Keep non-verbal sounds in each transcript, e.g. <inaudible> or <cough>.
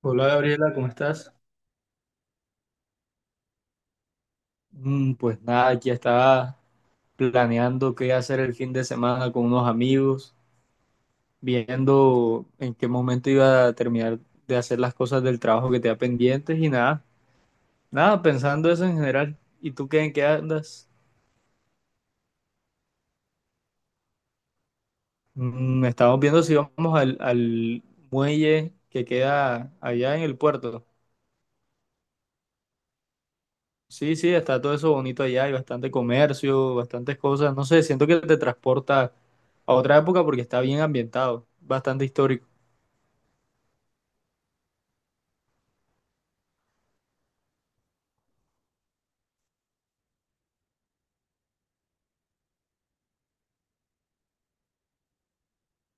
Hola Gabriela, ¿cómo estás? Pues nada, aquí estaba planeando qué hacer el fin de semana con unos amigos, viendo en qué momento iba a terminar de hacer las cosas del trabajo que tenía pendientes y nada, nada, pensando eso en general. ¿Y tú qué en qué andas? Estamos viendo si vamos al muelle que queda allá en el puerto. Sí, sí, está todo eso bonito allá, hay bastante comercio, bastantes cosas. No sé, siento que te transporta a otra época porque está bien ambientado, bastante histórico.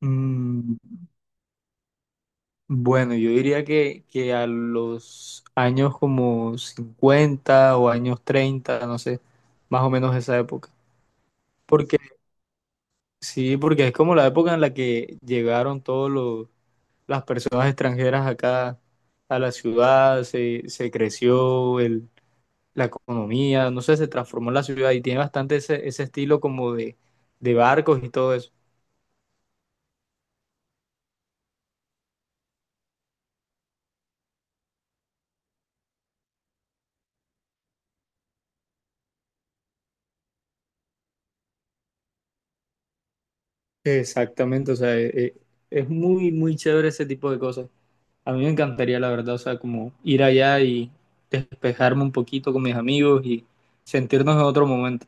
Mm, bueno, yo diría que a los años como 50 o años 30, no sé, más o menos esa época. Porque sí, porque es como la época en la que llegaron todas las personas extranjeras acá a la ciudad, se creció la economía, no sé, se transformó la ciudad y tiene bastante ese estilo como de barcos y todo eso. Exactamente, o sea, es muy, muy chévere ese tipo de cosas. A mí me encantaría, la verdad, o sea, como ir allá y despejarme un poquito con mis amigos y sentirnos en otro momento.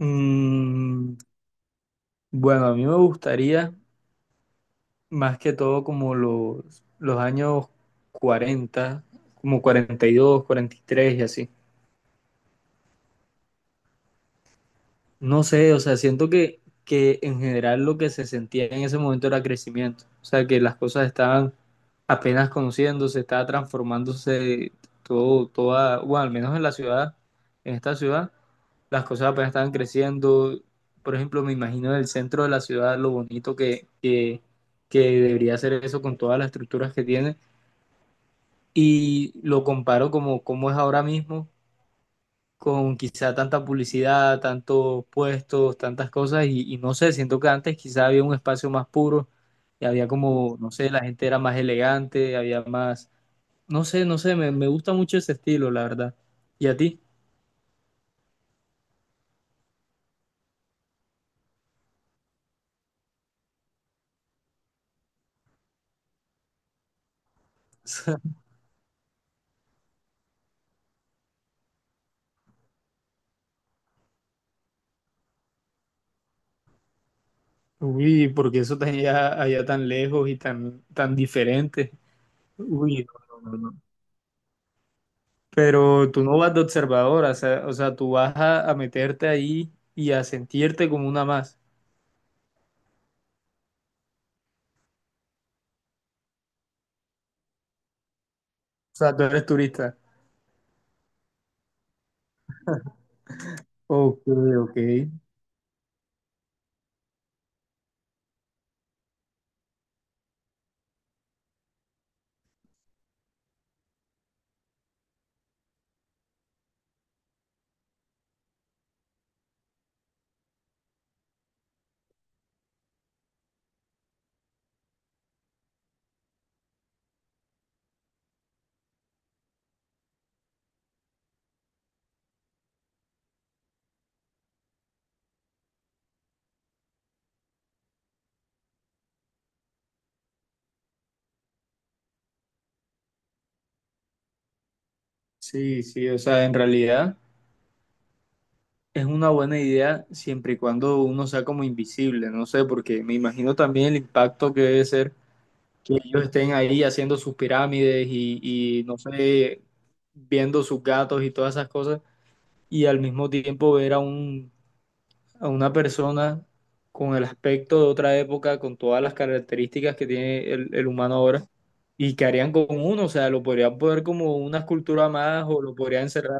Mm, bueno, a mí me gustaría más que todo como los años 40, como 40, 42, 43 y así. No sé, o sea, siento que en general lo que se sentía en ese momento era crecimiento, o sea, que las cosas estaban apenas conociéndose, estaba transformándose todo, toda, bueno, al menos en la ciudad, en esta ciudad, las cosas apenas estaban creciendo. Por ejemplo, me imagino el centro de la ciudad, lo bonito que debería ser eso con todas las estructuras que tiene, y lo comparo como, como es ahora mismo con quizá tanta publicidad, tantos puestos, tantas cosas, y no sé, siento que antes quizá había un espacio más puro y había como, no sé, la gente era más elegante, había más, no sé, no sé, me gusta mucho ese estilo, la verdad. ¿Y a ti? <laughs> Uy, porque eso tan allá, allá tan lejos y tan, tan diferente. Uy, no, no, no, no. Pero tú no vas de observadora, o sea, tú vas a meterte ahí y a sentirte como una más. O sea, tú eres turista. Ok, ok. Sí, sí, o sea, en realidad es una buena idea siempre y cuando uno sea como invisible, no sé, porque me imagino también el impacto que debe ser que ellos estén ahí haciendo sus pirámides y no sé, viendo sus gatos y todas esas cosas, y al mismo tiempo ver a un, a una persona con el aspecto de otra época, con todas las características que tiene el humano ahora, y que harían con uno, o sea, lo podrían poner como una escultura más o lo podrían encerrar.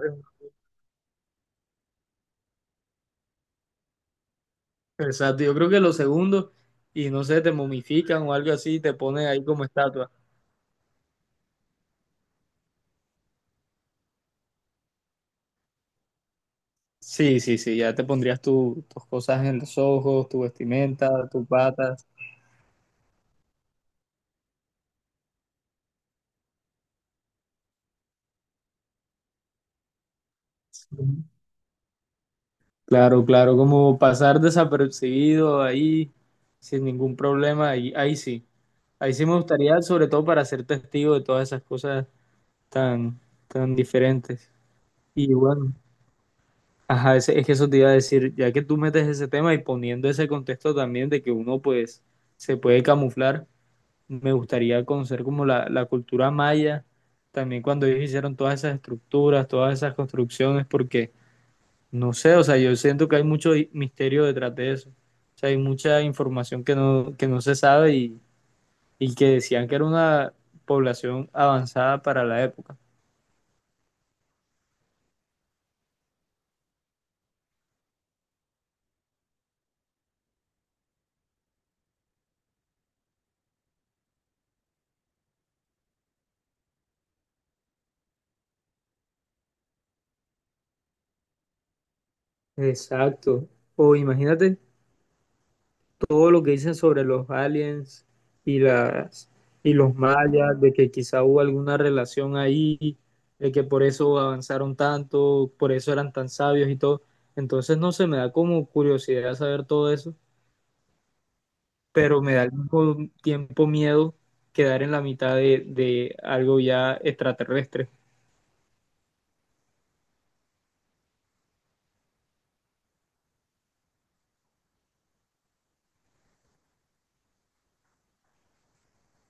Exacto, yo creo que lo segundo, y no sé, te momifican o algo así, te ponen ahí como estatua. Sí, sí, sí, ya te pondrías tus cosas en los ojos, tu vestimenta, tus patas. Claro, claro, como pasar desapercibido ahí sin ningún problema, ahí, ahí sí. Ahí sí me gustaría, sobre todo para ser testigo de todas esas cosas tan, tan diferentes. Y bueno. Ajá, es que eso te iba a decir, ya que tú metes ese tema y poniendo ese contexto también de que uno pues se puede camuflar, me gustaría conocer como la cultura maya, también cuando ellos hicieron todas esas estructuras, todas esas construcciones, porque no sé, o sea, yo siento que hay mucho misterio detrás de eso, o sea, hay mucha información que no se sabe y que decían que era una población avanzada para la época. Exacto. O imagínate todo lo que dicen sobre los aliens y las y los mayas, de que quizá hubo alguna relación ahí, de que por eso avanzaron tanto, por eso eran tan sabios y todo. Entonces no se me da como curiosidad saber todo eso, pero me da al mismo tiempo miedo quedar en la mitad de algo ya extraterrestre.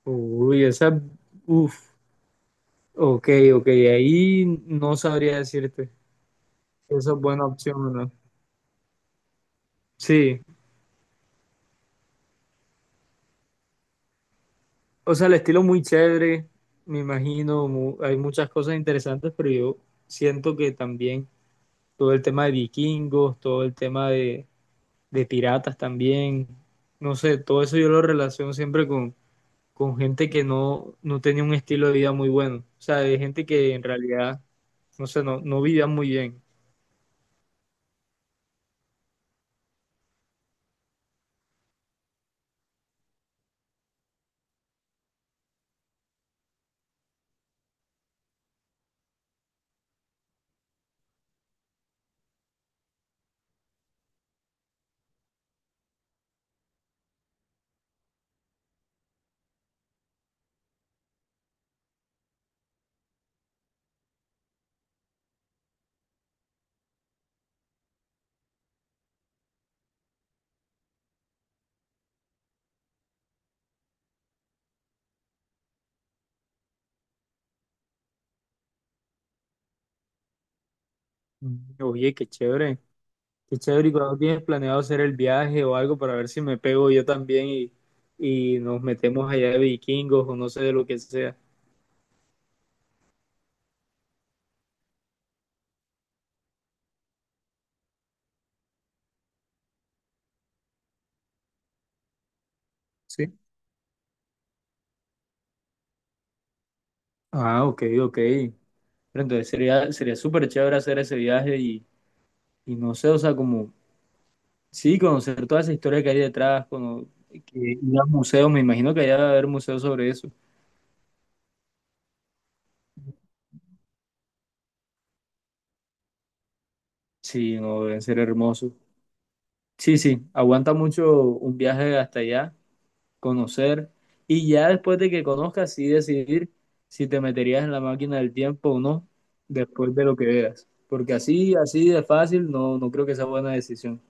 Uy, esa, uff, ok, ok, ahí no sabría decirte. Esa es buena opción, ¿no? Sí. O sea, el estilo muy chévere, me imagino, hay muchas cosas interesantes, pero yo siento que también todo el tema de vikingos, todo el tema de piratas también, no sé, todo eso yo lo relaciono siempre con gente que no, no tenía un estilo de vida muy bueno. O sea, de gente que en realidad, no sé, no, no vivía muy bien. Mm. Oye, qué chévere. Qué chévere, ¿y cuando tienes planeado hacer el viaje o algo para ver si me pego yo también y nos metemos allá de vikingos o no sé de lo que sea? Sí. Ah, ok, ok. Pero entonces sería, sería súper chévere hacer ese viaje y no sé, o sea, como, sí, conocer toda esa historia que hay detrás, que ir a museos, me imagino que allá debe haber museos sobre eso. Sí, no, deben ser hermosos. Sí, sí, aguanta mucho un viaje hasta allá, conocer, y ya después de que conozcas, sí decidir si te meterías en la máquina del tiempo o no, después de lo que veas. Porque así, así de fácil, no, no creo que sea buena decisión.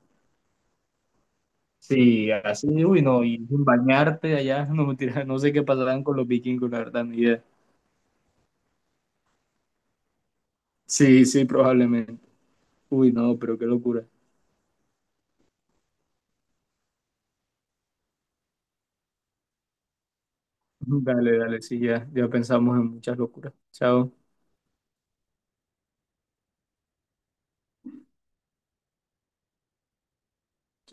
Sí, así, uy, no, y sin bañarte allá, <laughs> no, mentira, no sé qué pasarán con los vikingos, la verdad, ni idea. Sí, sí, probablemente. Uy, no, pero qué locura. Dale, dale, sí, ya, ya pensamos en muchas locuras. Chao.